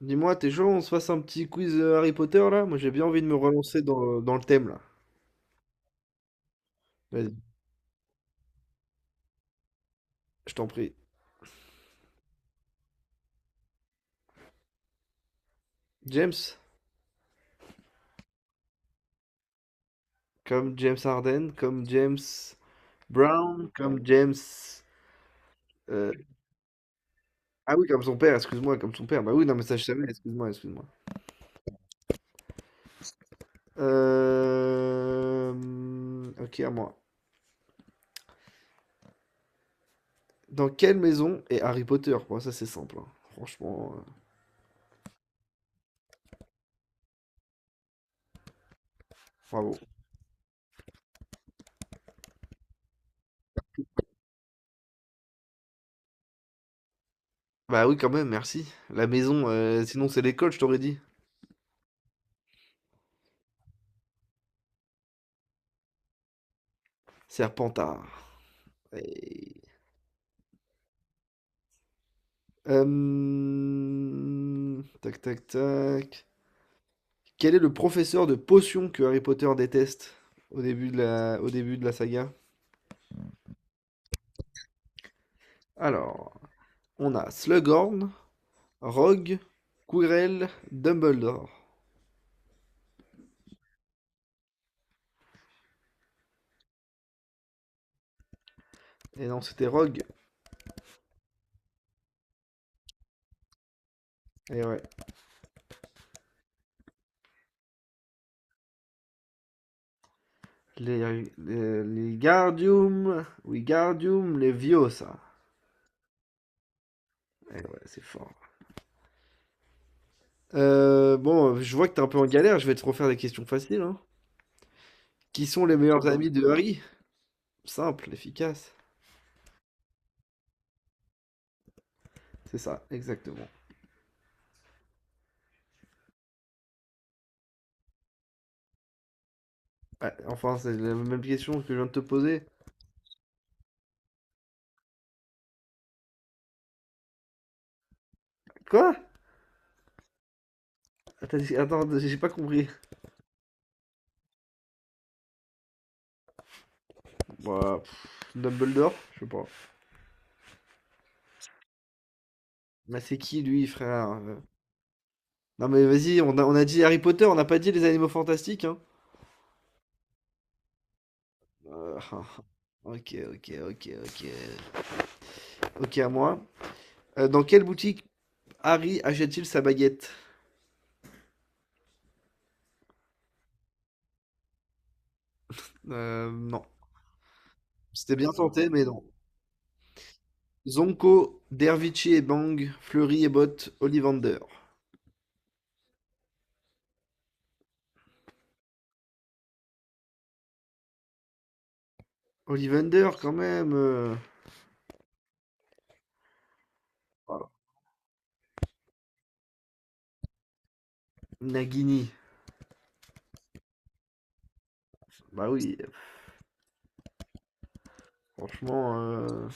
Dis-moi, t'es chaud, on se fasse un petit quiz Harry Potter là? Moi j'ai bien envie de me relancer dans le thème là. Vas-y, je t'en prie. James, comme James Harden, comme James Brown, comme James. euh, Ah oui, comme son père, excuse-moi, comme son père. Bah oui, non, mais ça je savais, excuse-moi, excuse-moi. Ok, à moi. Dans quelle maison est Harry Potter? Bon, ça c'est simple, hein. Franchement, euh, Bravo. Bah oui, quand même, merci. La maison, sinon c'est l'école, je t'aurais dit. Serpentard. Et hem, tac, tac, tac. Quel est le professeur de potions que Harry Potter déteste au début de la saga? Alors, on a Slughorn, Rogue, Quirrell, Dumbledore. Et non, c'était Rogue. Et ouais. Les Wingardium Leviosa. Et ouais, c'est fort. Bon, je vois que t'es un peu en galère, je vais te refaire des questions faciles, hein. Qui sont les meilleurs Bon. Amis de Harry? Simple, efficace. C'est ça, exactement. Bah, enfin, c'est la même question que je viens de te poser. Quoi? T'as dit- Attends, j'ai pas compris. Bah, pff, Dumbledore? Je sais pas. Mais c'est qui lui, frère? Non mais vas-y, on a dit Harry Potter, on n'a pas dit les animaux fantastiques, hein. Euh, ok, ok, ok, ok. Ok, à moi. Dans quelle boutique Harry achète-t-il sa baguette? Non. C'était bien tenté, mais non. Zonko, Dervichi et Bang, Fleury et Bott, Ollivander. Ollivander, quand même. Voilà. Nagini. Bah oui, franchement, euh,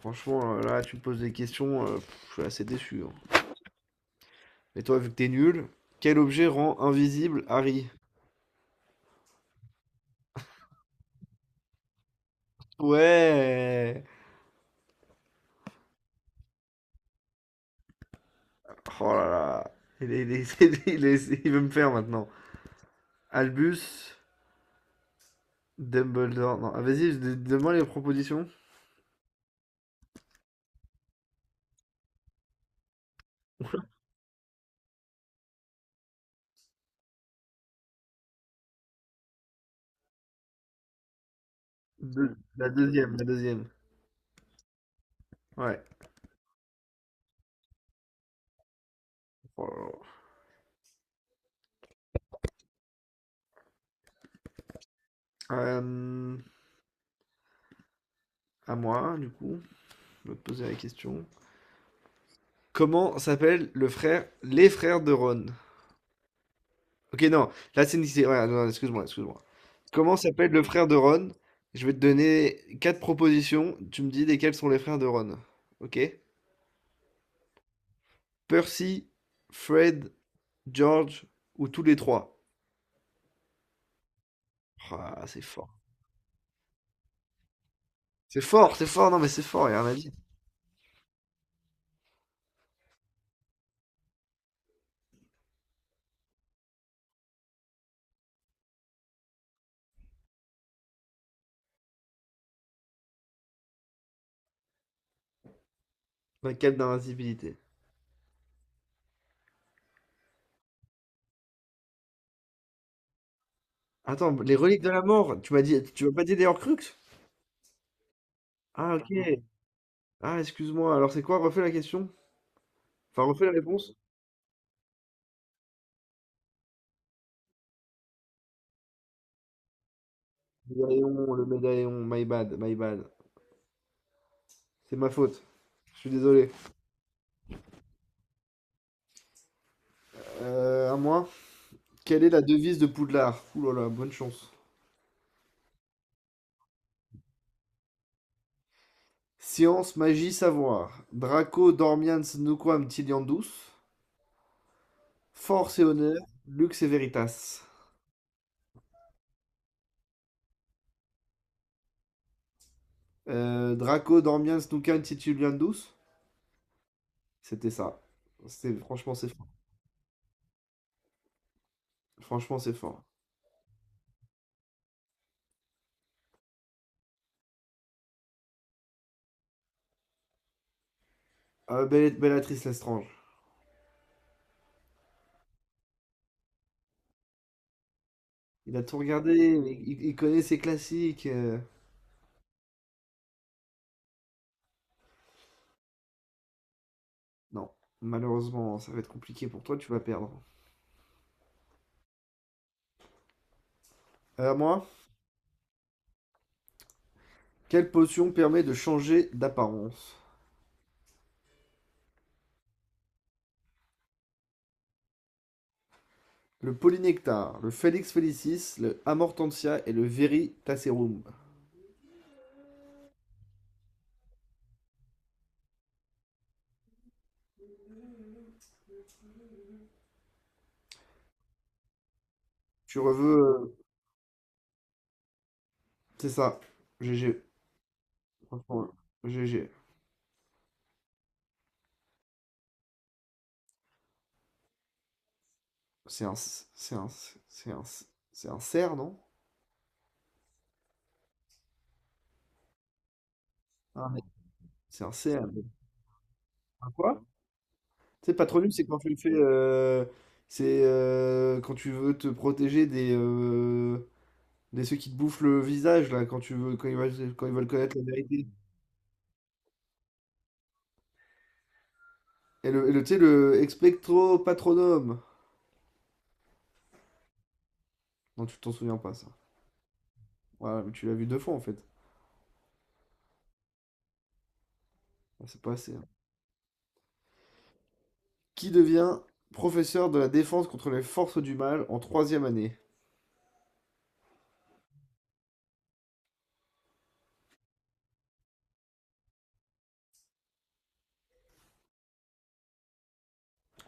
franchement, là, tu me poses des questions, je suis assez déçu. Hein. Et toi, vu que t'es nul, quel objet rend invisible Harry? Ouais! Oh là là, il, est- il est- il veut me faire maintenant. Albus, Dumbledore, non, ah, vas-y, donne-moi les propositions. La deuxième, la deuxième. Ouais. Oh là là. À moi, du coup, je vais te poser la question. Comment s'appellent les frères de Ron? Ok, non, là c'est Nixé. Ouais, non, excuse-moi, excuse-moi. Comment s'appelle le frère de Ron? Je vais te donner quatre propositions. Tu me dis lesquels sont les frères de Ron. Ok? Percy, Fred, George ou tous les trois? Ah, c'est fort. C'est fort, c'est fort, non mais c'est fort, il y a un avis. Un cap d'invincibilité. Attends, les reliques de la mort, tu m'as dit, tu m'as pas dit les Horcruxes? Ah, ok. Ah, excuse-moi, alors c'est quoi? Refais la question. Enfin, refais la réponse. Le médaillon, my bad, my bad. C'est ma faute. Je suis désolé. À moi. Quelle est la devise de Poudlard? Ouh là là, bonne chance. Science, magie, savoir. Draco dormiens nuquam tiliandus. Force et honneur, luxe et veritas. Draco dormiens nuquam tituliandus. C'était ça. C'est, franchement, c'est fort. Franchement, c'est fort. Ah, Bellatrix Lestrange. Il a tout regardé, mais il connaît ses classiques. Non, malheureusement, ça va être compliqué pour toi, tu vas perdre. À moi. Quelle potion permet de changer d'apparence? Le polynectar, le Felix felicis, le amortensia et le veritaserum. Tu reveux, euh, c'est ça. GG. Franchement, GG. C'est un, c'est un, c'est un, c'est un cerf, non? Ah, mais c'est un cerf. Mais- Un quoi? C'est patronyme, c'est quand tu le fais, c'est quand tu veux te protéger des, des ceux qui te bouffent le visage là, quand tu veux, quand ils veulent connaître la vérité. Tu sais, le expectro patronum. Non, tu t'en souviens pas ça. Voilà, mais tu l'as vu deux fois en fait. Ah, c'est pas assez. Hein. Qui devient professeur de la défense contre les forces du mal en troisième année?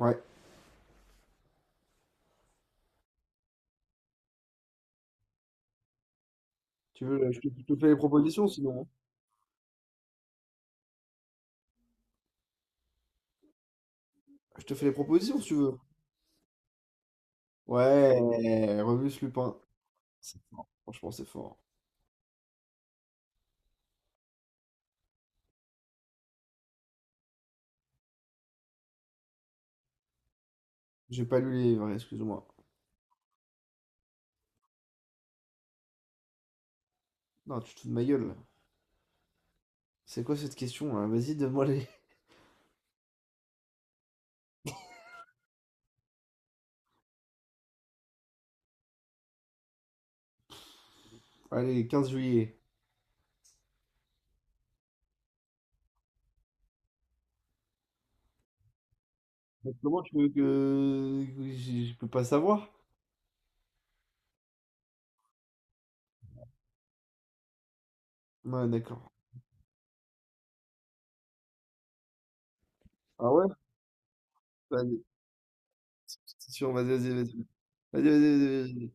Ouais. Tu veux, je te, Je te fais les propositions sinon. Hein. Je te fais les propositions si tu veux. Ouais, Remus Lupin. C'est fort. Franchement, c'est fort. J'ai pas lu les livres, excuse-moi. Non, tu te fous de ma gueule. Là. C'est quoi cette question là? Vas-y, donne-moi les. Allez, 15 juillet. Mais comment tu veux que. Je peux pas savoir? Ouais, d'accord. Ah ouais? Vas-y, c'est sûr, vas-y, vas-y, vas-y. Vas-y, vas-y, vas-y. Vas-y.